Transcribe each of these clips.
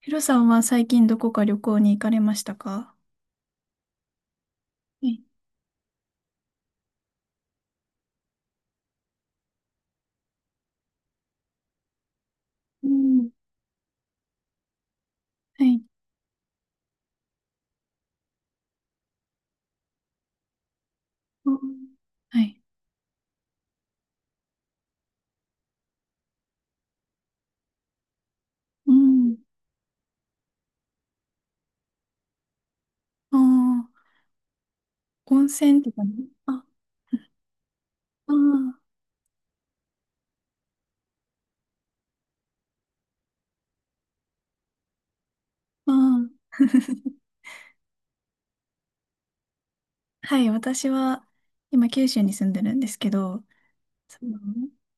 ヒロさんは最近どこか旅行に行かれましたか？はい。うん。はい。うん。はい。うん。ああ、温泉とかね。あ、ああ、ああ。はい。私は、今、九州に住んでるんですけど、その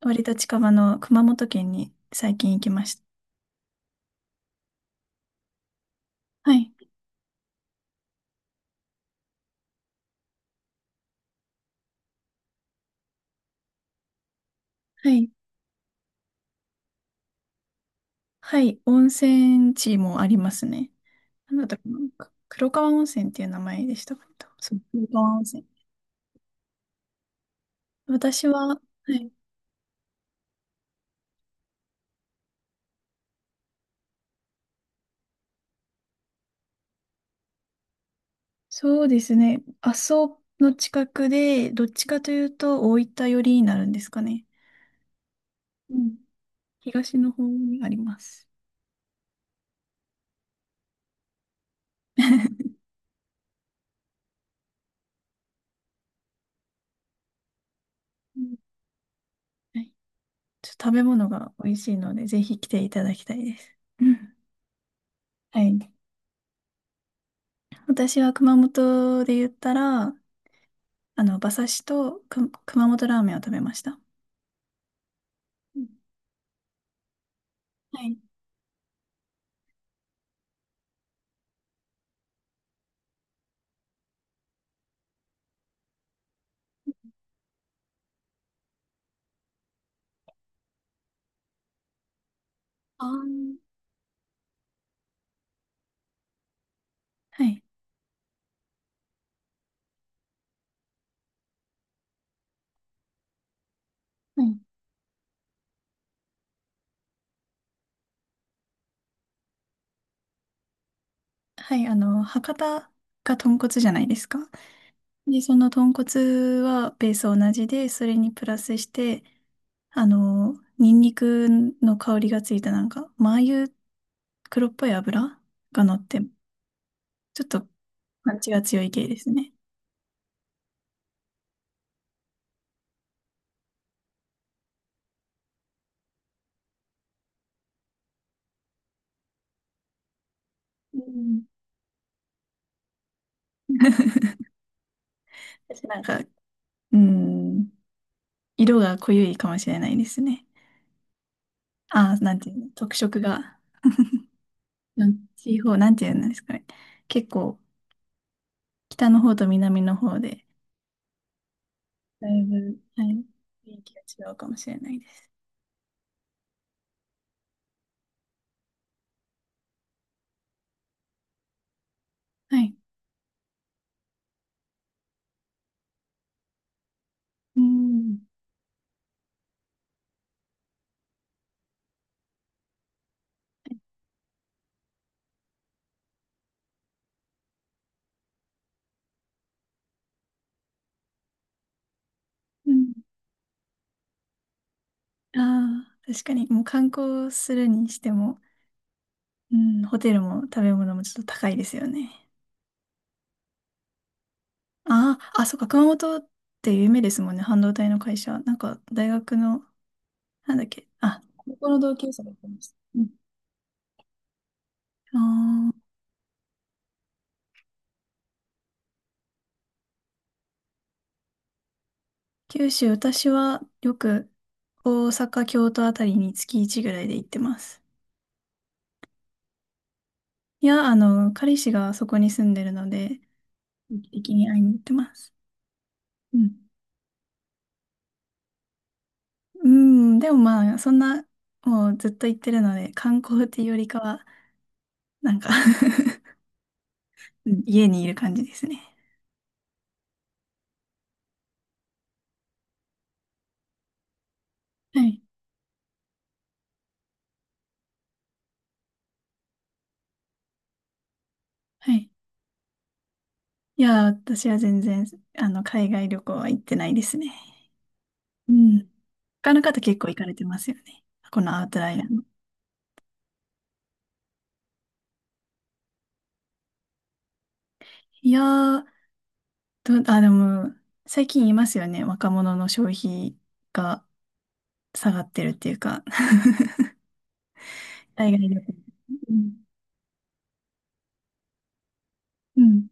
割と近場の熊本県に最近行きました。はい。はい。はい。温泉地もありますね。なんだったかな、く黒川温泉っていう名前でしたかね？そう、黒川温泉。私は、はい。そうですね。阿蘇の近くで、どっちかというと大分寄りになるんですかね。うん。東の方にあります。うん。はい。ちょっと食べ物が美味しいので、ぜひ来ていただきたいです。うん。はい。私は熊本で言ったら、あの、馬刺しとく熊本ラーメンを食べました。うん。はい。あー。はい。はい。はい。あの、博多が豚骨じゃないですか。で、その豚骨はベース同じで、それにプラスして、あの、ニンニクの香りがついたなんか、マー油、黒っぽい油が乗って、ちょっとパンチが強い系ですね。うん。私なんか、うん、色が濃ゆいかもしれないですね。ああ、なんていうの、特色が、なん、地方、なんていうんですかね。結構、北の方と南の方で、だいぶ、はい、雰囲気が違うかもしれないです。はい。うん。うん。ああ、確かに、もう観光するにしても、うん、ホテルも食べ物もちょっと高いですよね。ああ、あ、そっか、熊本って有名ですもんね、半導体の会社。なんか、大学の、なんだっけ、あ、高校の同級生がやってました。うん。ああ、九州、私はよく大阪、京都あたりに月1ぐらいで行ってます。いや、あの、彼氏がそこに住んでるので、定期的に会いに行ってます。うん。うん、でもまあ、そんな、もうずっと行ってるので、観光っていうよりかは、なんか うん、家にいる感じですね。はい。はい。いやー、私は全然、あの、海外旅行は行ってないですね。うん。他の方結構行かれてますよね。このアウトライナーの。いやー、あ、でも、最近言いますよね。若者の消費が下がってるっていうか 海外旅行。うん。うん。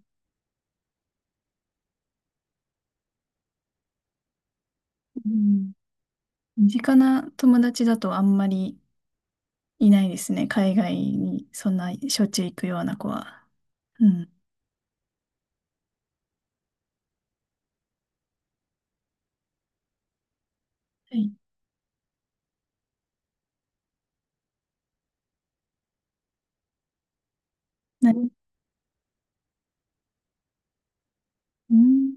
うん。身近な友達だとあんまりいないですね。海外にそんなしょっちゅう行くような子は。うん。はい。なに、うん。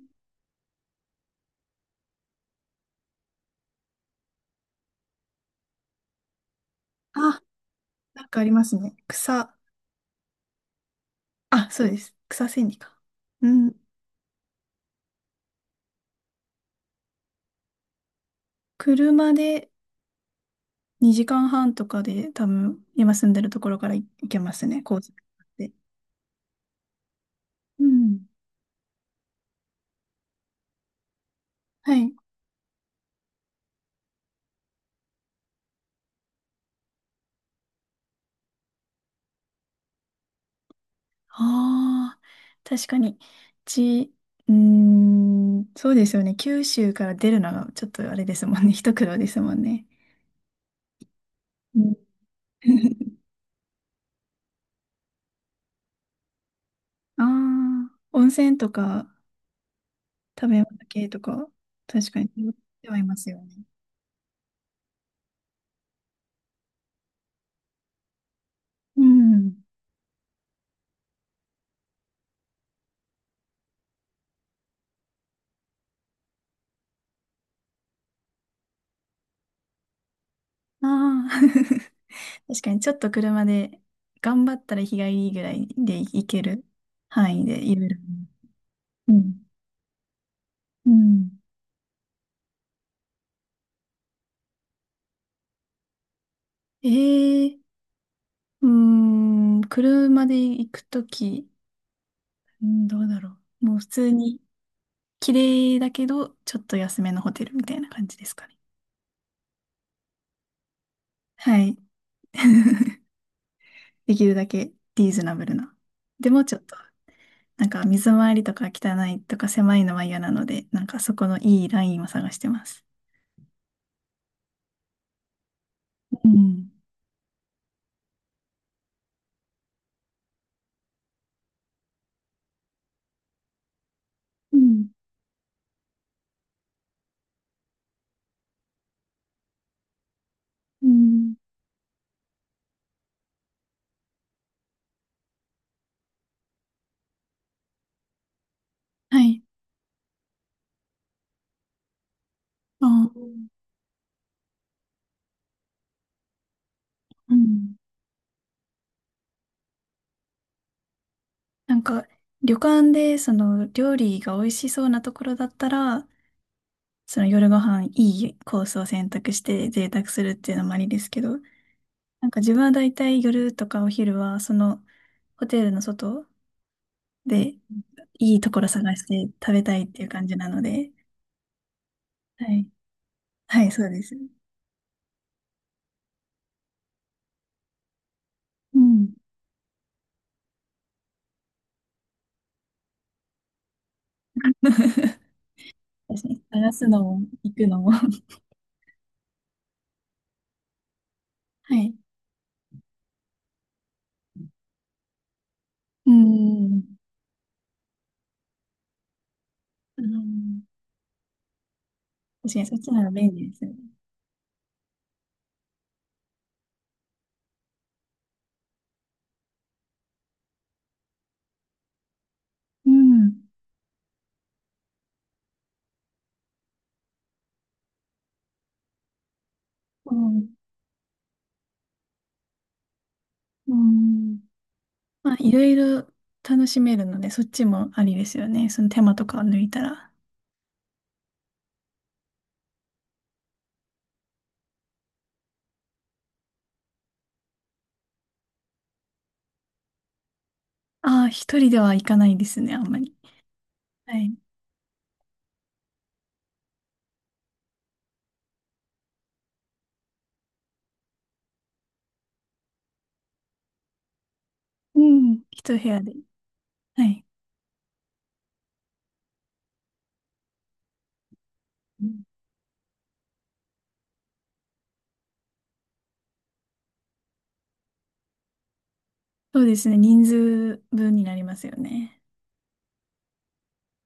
あ、なんかありますね。草。あ、そうです。草千里か。うん。車で2時間半とかで多分今住んでるところから行けますね。高速で。うん。はい。ああ、確かに。ち、うーん、そうですよね。九州から出るのがちょっとあれですもんね。一苦労ですもんね。うん ああ、温泉とか食べ物系とか、確かに通ってはいますよね。うん。ああ、確かにちょっと車で頑張ったら日帰りぐらいで行ける範囲でいろいろ。うん。うん。ええ、うーん、車で行くとき、うん、どうだろう。もう普通に綺麗だけど、ちょっと安めのホテルみたいな感じですかね。はい。できるだけリーズナブルな。でもちょっとなんか水回りとか汚いとか狭いのは嫌なので、なんかそこのいいラインを探してます。うん。うん。うん。はい。あ、うん。なんか旅館でその料理が美味しそうなところだったら、その夜ご飯、いいコースを選択して贅沢するっていうのもありですけど、なんか自分はだいたい夜とかお昼はそのホテルの外でいいところ探して食べたいっていう感じなので。はい。はい、そうです。うん 確かに探すのも、行くのも。はい。うん。うん。確かに、そっちなら便利ですよね。うん。うん。うん。まあ、いろいろ楽しめるので、そっちもありですよね。その手間とかを抜いたら。ああ、一人では行かないですね、あんまり。はい。うん。一部屋で。はい。うん。そうですね。人数分になりますよね。